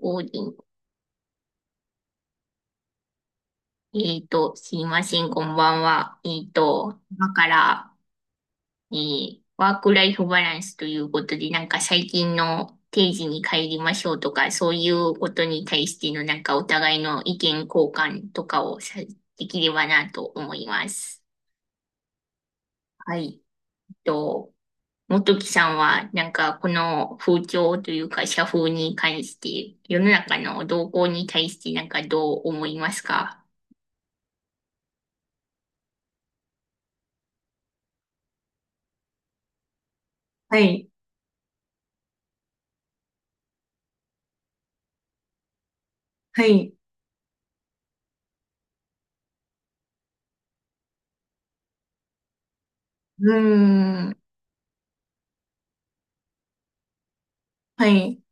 王林。すいません、こんばんは。今から、ワークライフバランスということで、なんか最近の定時に帰りましょうとか、そういうことに対しての、なんかお互いの意見交換とかをさ、できればなと思います。はい。えっと、元木さんは、なんかこの風潮というか、社風に関して、世の中の動向に対して、なんかどう思いますか？はい。はい。うーん。はい。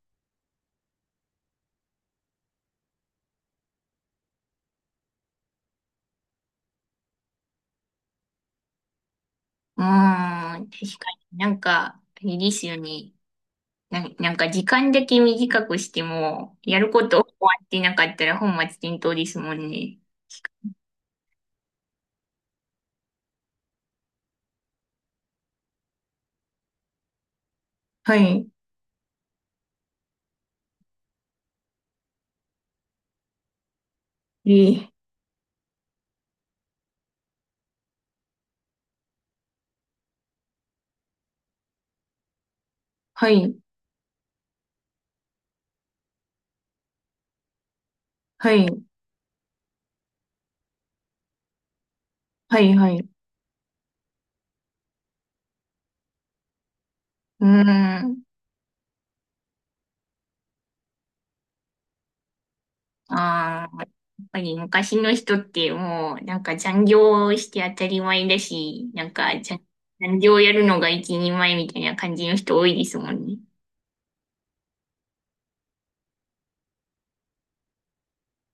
うーん。確かになんか、いいですよね。なんか時間だけ短くしても、やること終わってなかったら本末転倒ですもんね。はい。えーはい。はい。はい。はい。うーん。ああ、やっぱり昔の人ってもう、なんか残業して当たり前だし、なんか残業やるのが一人前みたいな感じの人多いですもんね。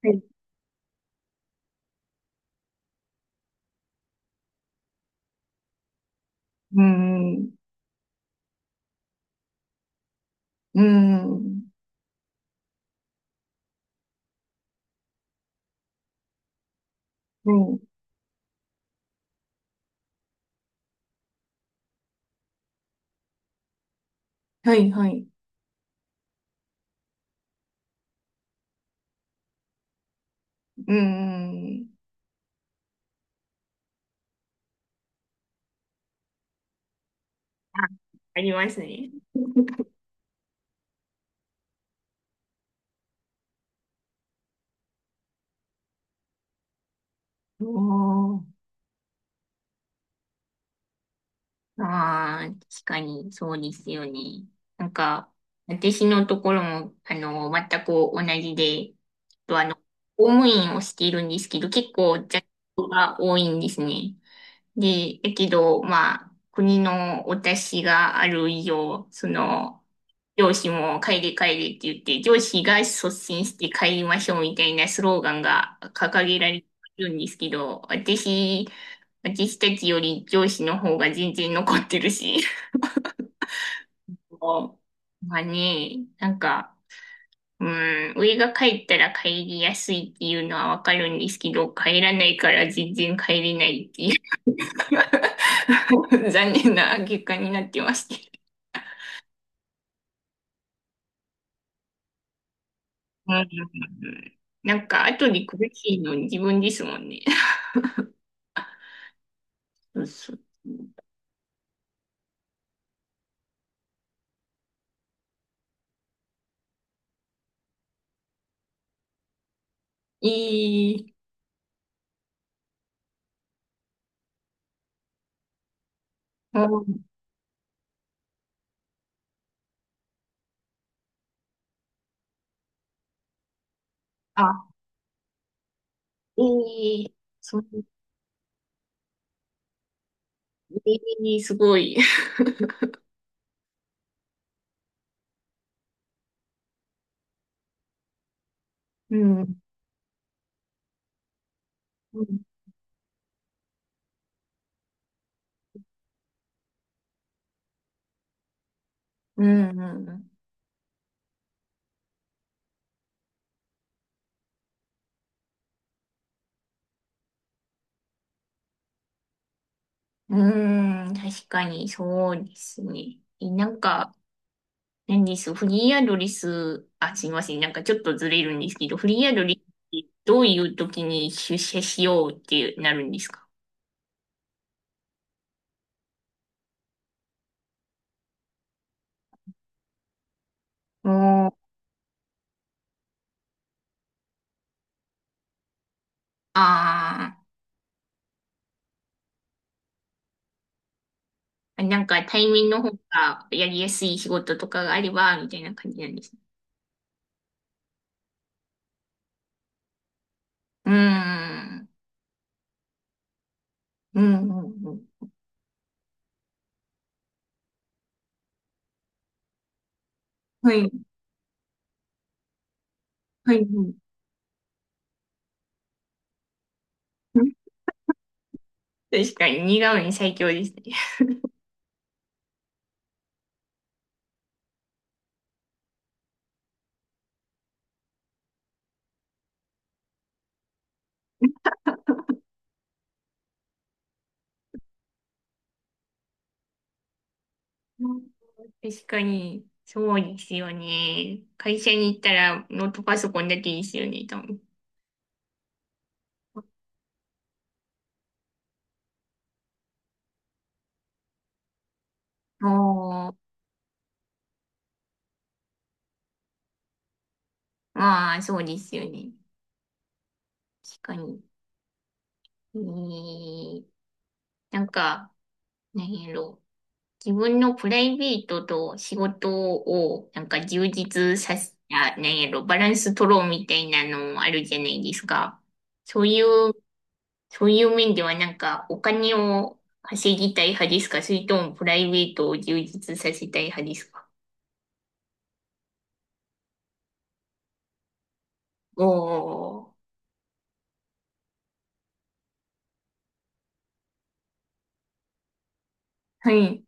はい。うーん。うーん。はい、はい、はい。うんうん。あ、ありますね。おー。ああ、確かに、そうですよね。なんか、私のところも、全く同じで、とあの、公務員をしているんですけど、結構、雑務が多いんですね。で、だけど、まあ、国のお達しがある以上、上司も帰れ帰れって言って、上司が率先して帰りましょうみたいなスローガンが掲げられてるんですけど、私たちより上司の方が全然残ってるし。もうまあね、なんか、うん、上が帰ったら帰りやすいっていうのはわかるんですけど、帰らないから全然帰れないっていう。残念な結果になってますけど。うん。なんか、後で苦しいの自分ですもんね。そうそう。いい、うん、あ、いい、そう、いい、すごい。うん、うん、うん、うん、うん、確かにそうですね。なんか、何です、フリーアドレス、あ、すいません、なんかちょっとずれるんですけど、フリーアドレスってどういう時に出社しようってなるんですか？おー。ああ、なんか対面の方がやりやすい仕事とかがあれば、みたいな感じなんですね。うーん。うん、うん、うん。はい、はい、はい。確かに、似顔絵最強ですね。うん、確かに、そうですよね。会社に行ったらノートパソコンだけですよね、多分。あ、まあ、そうですよね。確かに。えー、なんか、何やろう。自分のプライベートと仕事を、なんか充実させ、た何やろバランス取ろうみたいなのあるじゃないですか。そういう、そういう面ではなんか、お金を稼ぎたい派ですか、それともプライベートを充実させたい派ですか？おー、はい、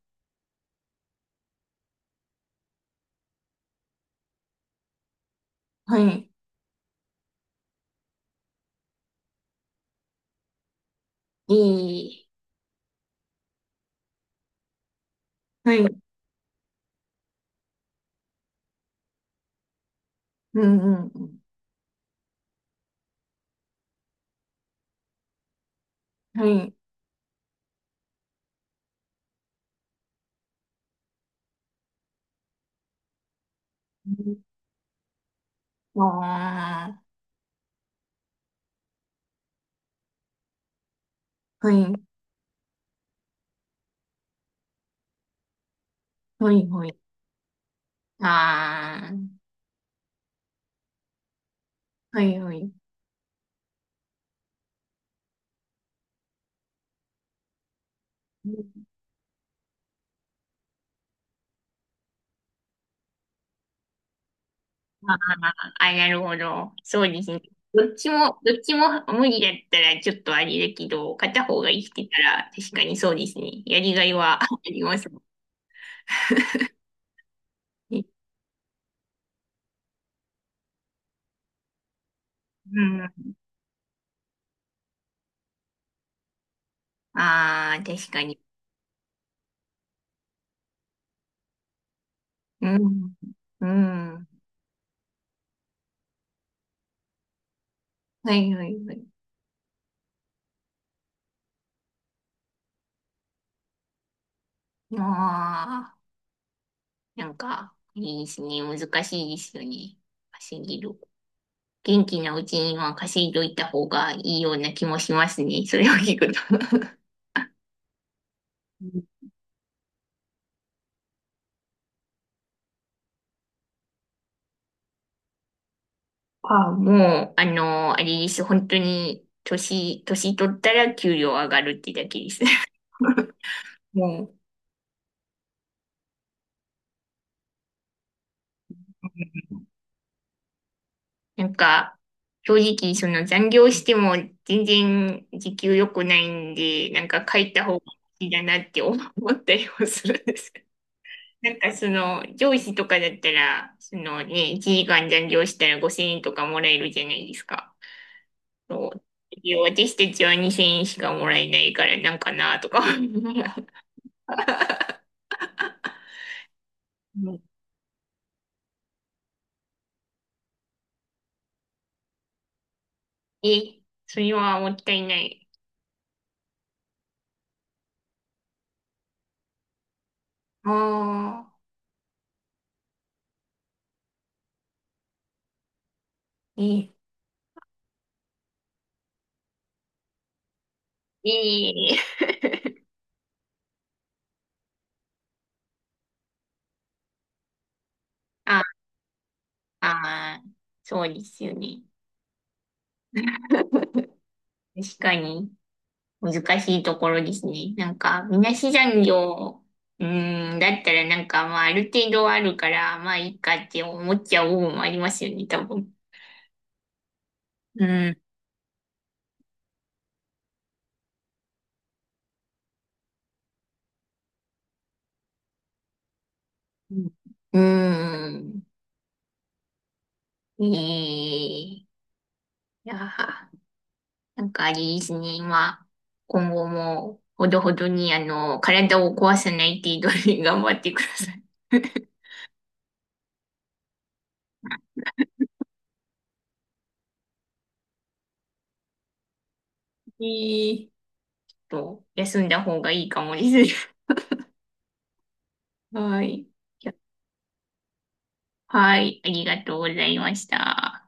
はい、えー、はい、うん、うん、うん、はい。ああ、はい、はい、はい。ああ、はい、はい。ああ、あ、なるほど。そうですね。どっちも無理だったらちょっとあれだけど、片方が生きてたら確かにそうですね。やりがいは ありますもんね。うん。ああ、確かに。うん。うん。はい、はい、はい。ああ、なんか、いいですね。難しいですよね。稼ぎる。元気なうちには稼いどいた方がいいような気もしますね。それを聞くと。あ、もう、あれです。本当に、年取ったら給料上がるってだけです。もう、なんか、正直、残業しても全然時給良くないんで、なんか書いた方がいいだなって思ったりもするんです。なんか上司とかだったら、1時間残業したら5000円とかもらえるじゃないですか。そう。私たちは2000円しかもらえないからなんかなとか。うん。 え、それはもったいない。ああ、え、ええ、ああー、そうですよね。確かに難しいところですね。なんか、みなし残業、うーん、だったらなんかまあある程度あるから、まあいいかって思っちゃう部分もありますよね、多分。うん。うん。うーん。ええ、いやー。なんかあれですね、今後も、ほどほどに、体を壊さない程度に頑張ってください。いい。と、休んだ方がいいかもです。はい。はい、ありがとうございました。